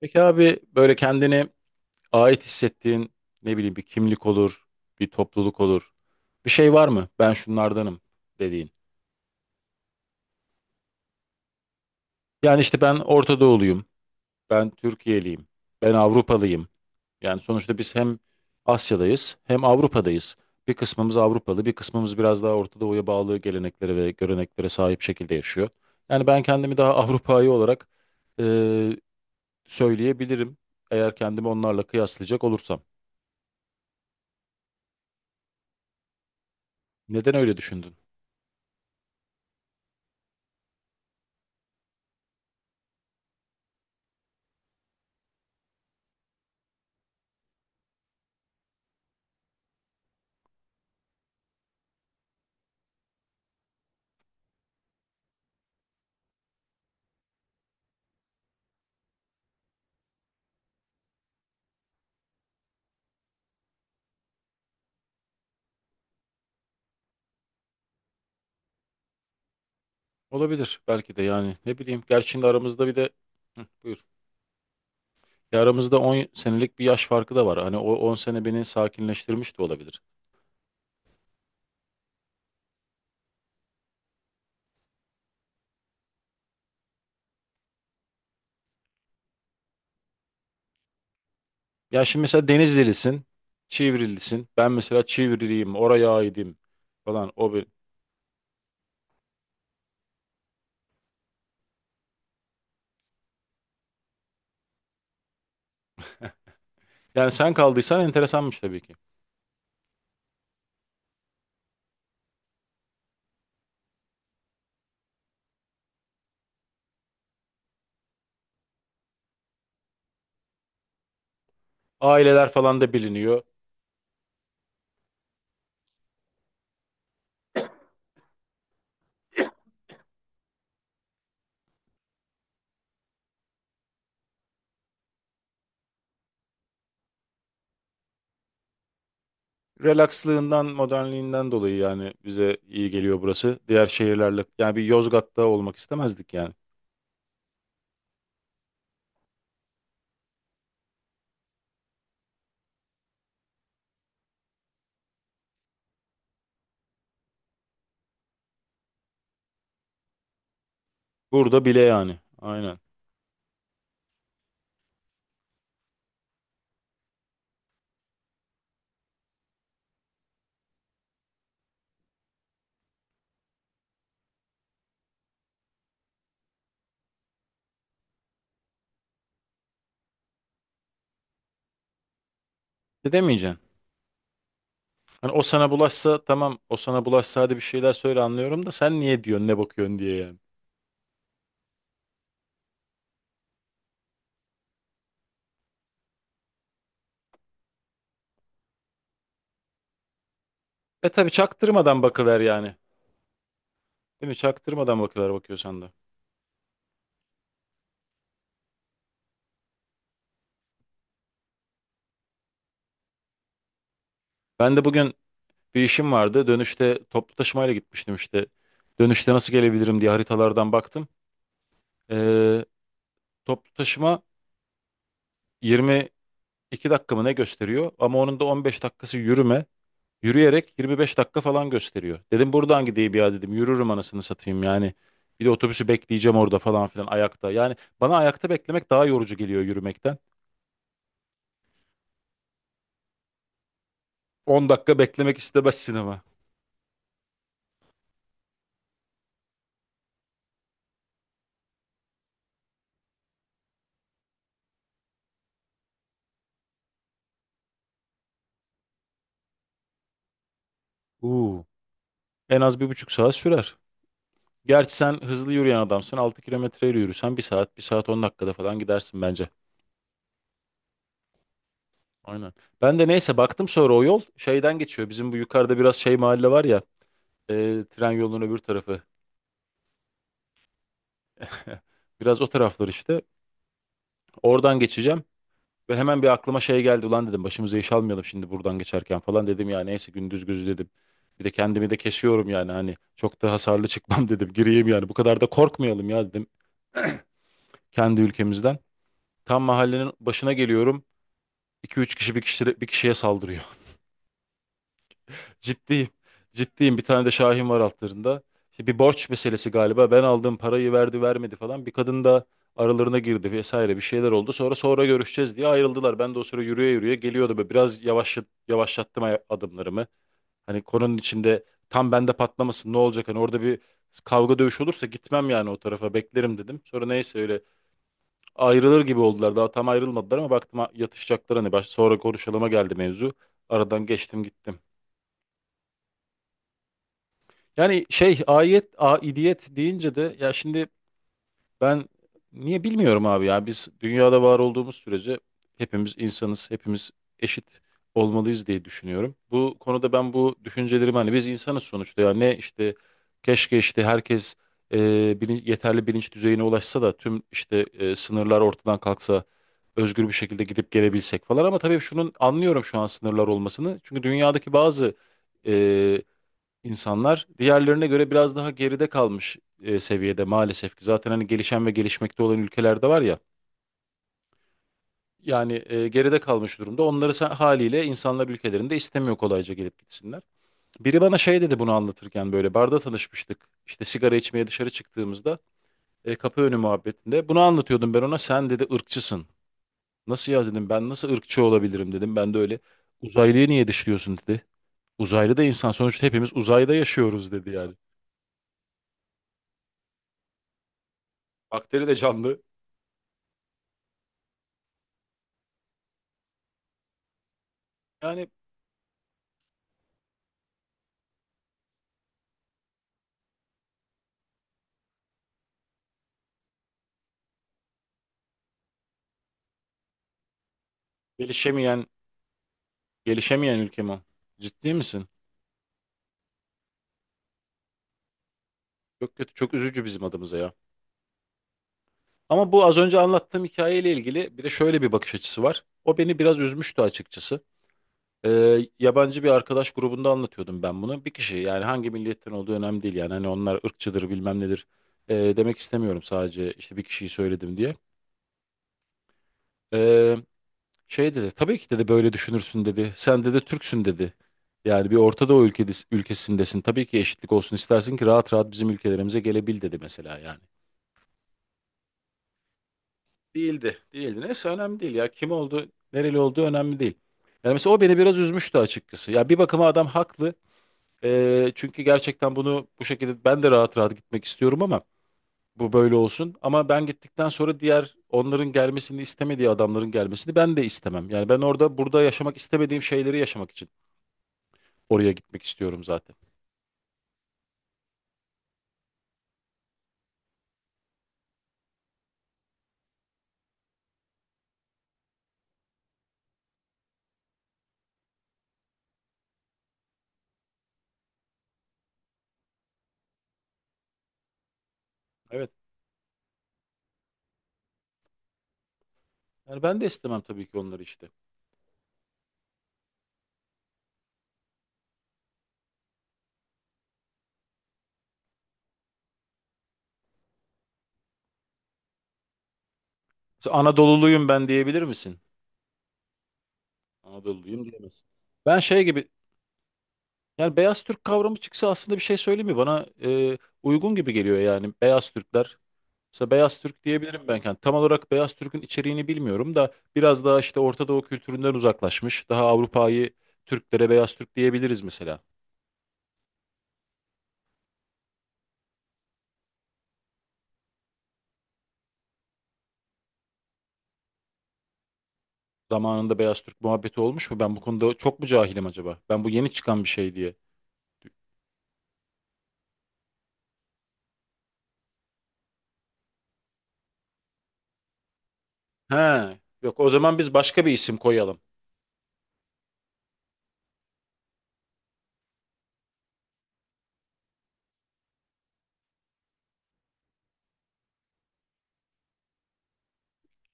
Peki abi böyle kendine ait hissettiğin ne bileyim bir kimlik olur, bir topluluk olur. Bir şey var mı? Ben şunlardanım dediğin. Yani işte ben Orta Doğuluyum, ben Türkiye'liyim, ben Avrupalıyım. Yani sonuçta biz hem Asya'dayız hem Avrupa'dayız. Bir kısmımız Avrupalı, bir kısmımız biraz daha Orta Doğu'ya bağlı geleneklere ve göreneklere sahip şekilde yaşıyor. Yani ben kendimi daha Avrupa'yı olarak eee, söyleyebilirim eğer kendimi onlarla kıyaslayacak olursam. Neden öyle düşündün? Olabilir belki de yani ne bileyim. Gerçi şimdi aramızda bir de Hı, buyur. Ya aramızda 10 senelik bir yaş farkı da var. Hani o 10 sene beni sakinleştirmiş de olabilir. Ya şimdi mesela Denizlilisin, Çivrilisin. Ben mesela Çivriliyim, oraya aidim falan. O bir... Yani sen kaldıysan enteresanmış tabii ki. Aileler falan da biliniyor. Relakslığından, modernliğinden dolayı yani bize iyi geliyor burası. Diğer şehirlerle yani bir Yozgat'ta olmak istemezdik yani. Burada bile yani. Aynen. Ne demeyeceksin? Hani o sana bulaşsa tamam, o sana bulaşsa hadi bir şeyler söyle, anlıyorum da sen niye diyorsun ne bakıyorsun diye yani. E tabii çaktırmadan bakıver yani. Değil mi? Çaktırmadan bakıver bakıyorsan da. Ben de bugün bir işim vardı. Dönüşte toplu taşımayla gitmiştim işte. Dönüşte nasıl gelebilirim diye haritalardan baktım. Ee, Toplu taşıma 22 dakika mı ne gösteriyor? Ama onun da 15 dakikası yürüme. Yürüyerek 25 dakika falan gösteriyor. Dedim buradan gideyim ya dedim. Yürürüm anasını satayım yani. Bir de otobüsü bekleyeceğim orada falan filan ayakta. Yani bana ayakta beklemek daha yorucu geliyor yürümekten. 10 dakika beklemek istemezsin ama. Uuu. En az bir buçuk saat sürer. Gerçi sen hızlı yürüyen adamsın. 6 kilometreyle yürüsen bir saat, bir saat 10 dakikada falan gidersin bence. Aynen. Ben de neyse baktım sonra o yol şeyden geçiyor. Bizim bu yukarıda biraz şey mahalle var ya. Tren yolunun öbür tarafı. Biraz o taraflar işte. Oradan geçeceğim. Ve hemen bir aklıma şey geldi. Ulan dedim başımıza iş almayalım şimdi buradan geçerken falan dedim, ya neyse gündüz gözü dedim. Bir de kendimi de kesiyorum yani, hani çok da hasarlı çıkmam dedim. Gireyim yani, bu kadar da korkmayalım ya dedim kendi ülkemizden. Tam mahallenin başına geliyorum. İki üç kişi bir kişi bir kişiye saldırıyor. Ciddiyim. Ciddiyim. Bir tane de Şahin var altlarında. İşte bir borç meselesi galiba. Ben aldığım parayı verdi vermedi falan. Bir kadın da aralarına girdi vesaire, bir şeyler oldu. Sonra görüşeceğiz diye ayrıldılar. Ben de o sıra yürüye yürüye geliyordu. Böyle biraz yavaşlattım adımlarımı. Hani konunun içinde tam bende patlamasın, ne olacak? Hani orada bir kavga dövüş olursa gitmem yani o tarafa, beklerim dedim. Sonra neyse öyle ayrılır gibi oldular. Daha tam ayrılmadılar ama baktım yatışacaklar, hani sonra konuşalıma geldi mevzu. Aradan geçtim gittim. Yani şey aidiyet deyince de ya şimdi ben niye bilmiyorum abi, ya biz dünyada var olduğumuz sürece hepimiz insanız, hepimiz eşit olmalıyız diye düşünüyorum. Bu konuda ben bu düşüncelerimi, hani biz insanız sonuçta ya, ne işte keşke işte herkes e, yeterli bilinç düzeyine ulaşsa da tüm işte sınırlar ortadan kalksa, özgür bir şekilde gidip gelebilsek falan, ama tabii şunun anlıyorum şu an sınırlar olmasını çünkü dünyadaki bazı e, İnsanlar diğerlerine göre biraz daha geride kalmış seviyede maalesef ki. Zaten hani gelişen ve gelişmekte olan ülkelerde var ya. Yani geride kalmış durumda. Onları haliyle insanlar ülkelerinde istemiyor kolayca gelip gitsinler. Biri bana şey dedi bunu anlatırken, böyle barda tanışmıştık. İşte sigara içmeye dışarı çıktığımızda kapı önü muhabbetinde. Bunu anlatıyordum ben ona, sen dedi ırkçısın. Nasıl ya dedim, ben nasıl ırkçı olabilirim dedim. Ben de öyle, uzaylıyı niye dışlıyorsun dedi. Uzaylı da insan sonuçta, hepimiz uzayda yaşıyoruz dedi yani. Bakteri de canlı. Yani gelişemeyen, gelişemeyen ülke mi o? Ciddi misin? Çok kötü, çok üzücü bizim adımıza ya. Ama bu az önce anlattığım hikayeyle ilgili bir de şöyle bir bakış açısı var. O beni biraz üzmüştü açıkçası. Ee, Yabancı bir arkadaş grubunda anlatıyordum ben bunu. Bir kişi, yani hangi milletten olduğu önemli değil yani, hani onlar ırkçıdır bilmem nedir demek istemiyorum, sadece işte bir kişiyi söyledim diye. Ee, Şey dedi, tabii ki dedi böyle düşünürsün dedi. Sen dedi Türksün dedi. Yani bir Orta Doğu ülkesindesin. Tabii ki eşitlik olsun istersin ki rahat rahat bizim ülkelerimize gelebil dedi mesela yani. Değildi. Değildi. Neyse önemli değil ya. Kim oldu, nereli olduğu önemli değil. Yani mesela o beni biraz üzmüştü açıkçası. Ya bir bakıma adam haklı. Çünkü gerçekten bunu bu şekilde ben de rahat rahat gitmek istiyorum ama bu böyle olsun. Ama ben gittikten sonra diğer, onların gelmesini istemediği adamların gelmesini ben de istemem. Yani ben orada burada yaşamak istemediğim şeyleri yaşamak için Oraya gitmek istiyorum zaten. Evet. Yani ben de istemem tabii ki onları işte. Mesela Anadoluluyum ben diyebilir misin? Anadoluluyum diyemezsin. Ben şey gibi yani, beyaz Türk kavramı çıksa aslında, bir şey söyleyeyim, Bana uygun gibi geliyor yani beyaz Türkler. Mesela beyaz Türk diyebilirim ben. Yani tam olarak beyaz Türk'ün içeriğini bilmiyorum da biraz daha işte Orta Doğu kültüründen uzaklaşmış, daha Avrupa'yı Türklere beyaz Türk diyebiliriz mesela. Zamanında beyaz Türk muhabbeti olmuş mu? Ben bu konuda çok mu cahilim acaba? Ben bu yeni çıkan bir şey diye. He, yok o zaman biz başka bir isim koyalım.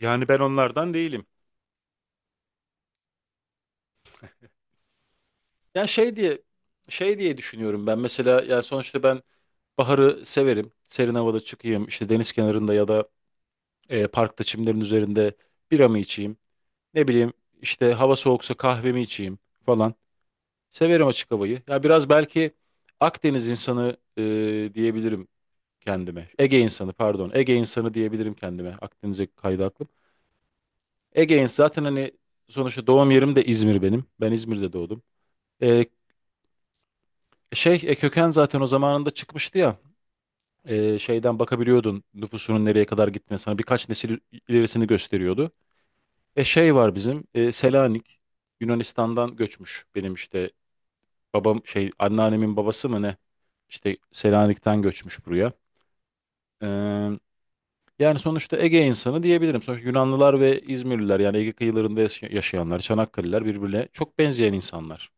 Yani ben onlardan değilim. Ya şey diye düşünüyorum ben. Mesela yani sonuçta ben baharı severim. Serin havada çıkayım, işte deniz kenarında ya da parkta çimlerin üzerinde biramı içeyim. Ne bileyim işte, hava soğuksa kahvemi içeyim falan. Severim açık havayı. Ya biraz belki Akdeniz insanı diyebilirim kendime. Ege insanı pardon. Ege insanı diyebilirim kendime. Akdeniz'e kaydı aklım. Ege'in zaten, hani sonuçta doğum yerim de İzmir benim. Ben İzmir'de doğdum. Ee, Şey köken zaten o zamanında çıkmıştı ya. Şeyden bakabiliyordun nüfusunun nereye kadar gittiğine, sana birkaç nesil ilerisini gösteriyordu. Şey var bizim, Selanik, Yunanistan'dan göçmüş benim işte babam şey anneannemin babası mı ne, işte Selanik'ten göçmüş buraya. Ee, Yani sonuçta Ege insanı diyebilirim. Sonuçta Yunanlılar ve İzmirliler yani Ege kıyılarında yaşayanlar, Çanakkale'liler birbirine çok benzeyen insanlar.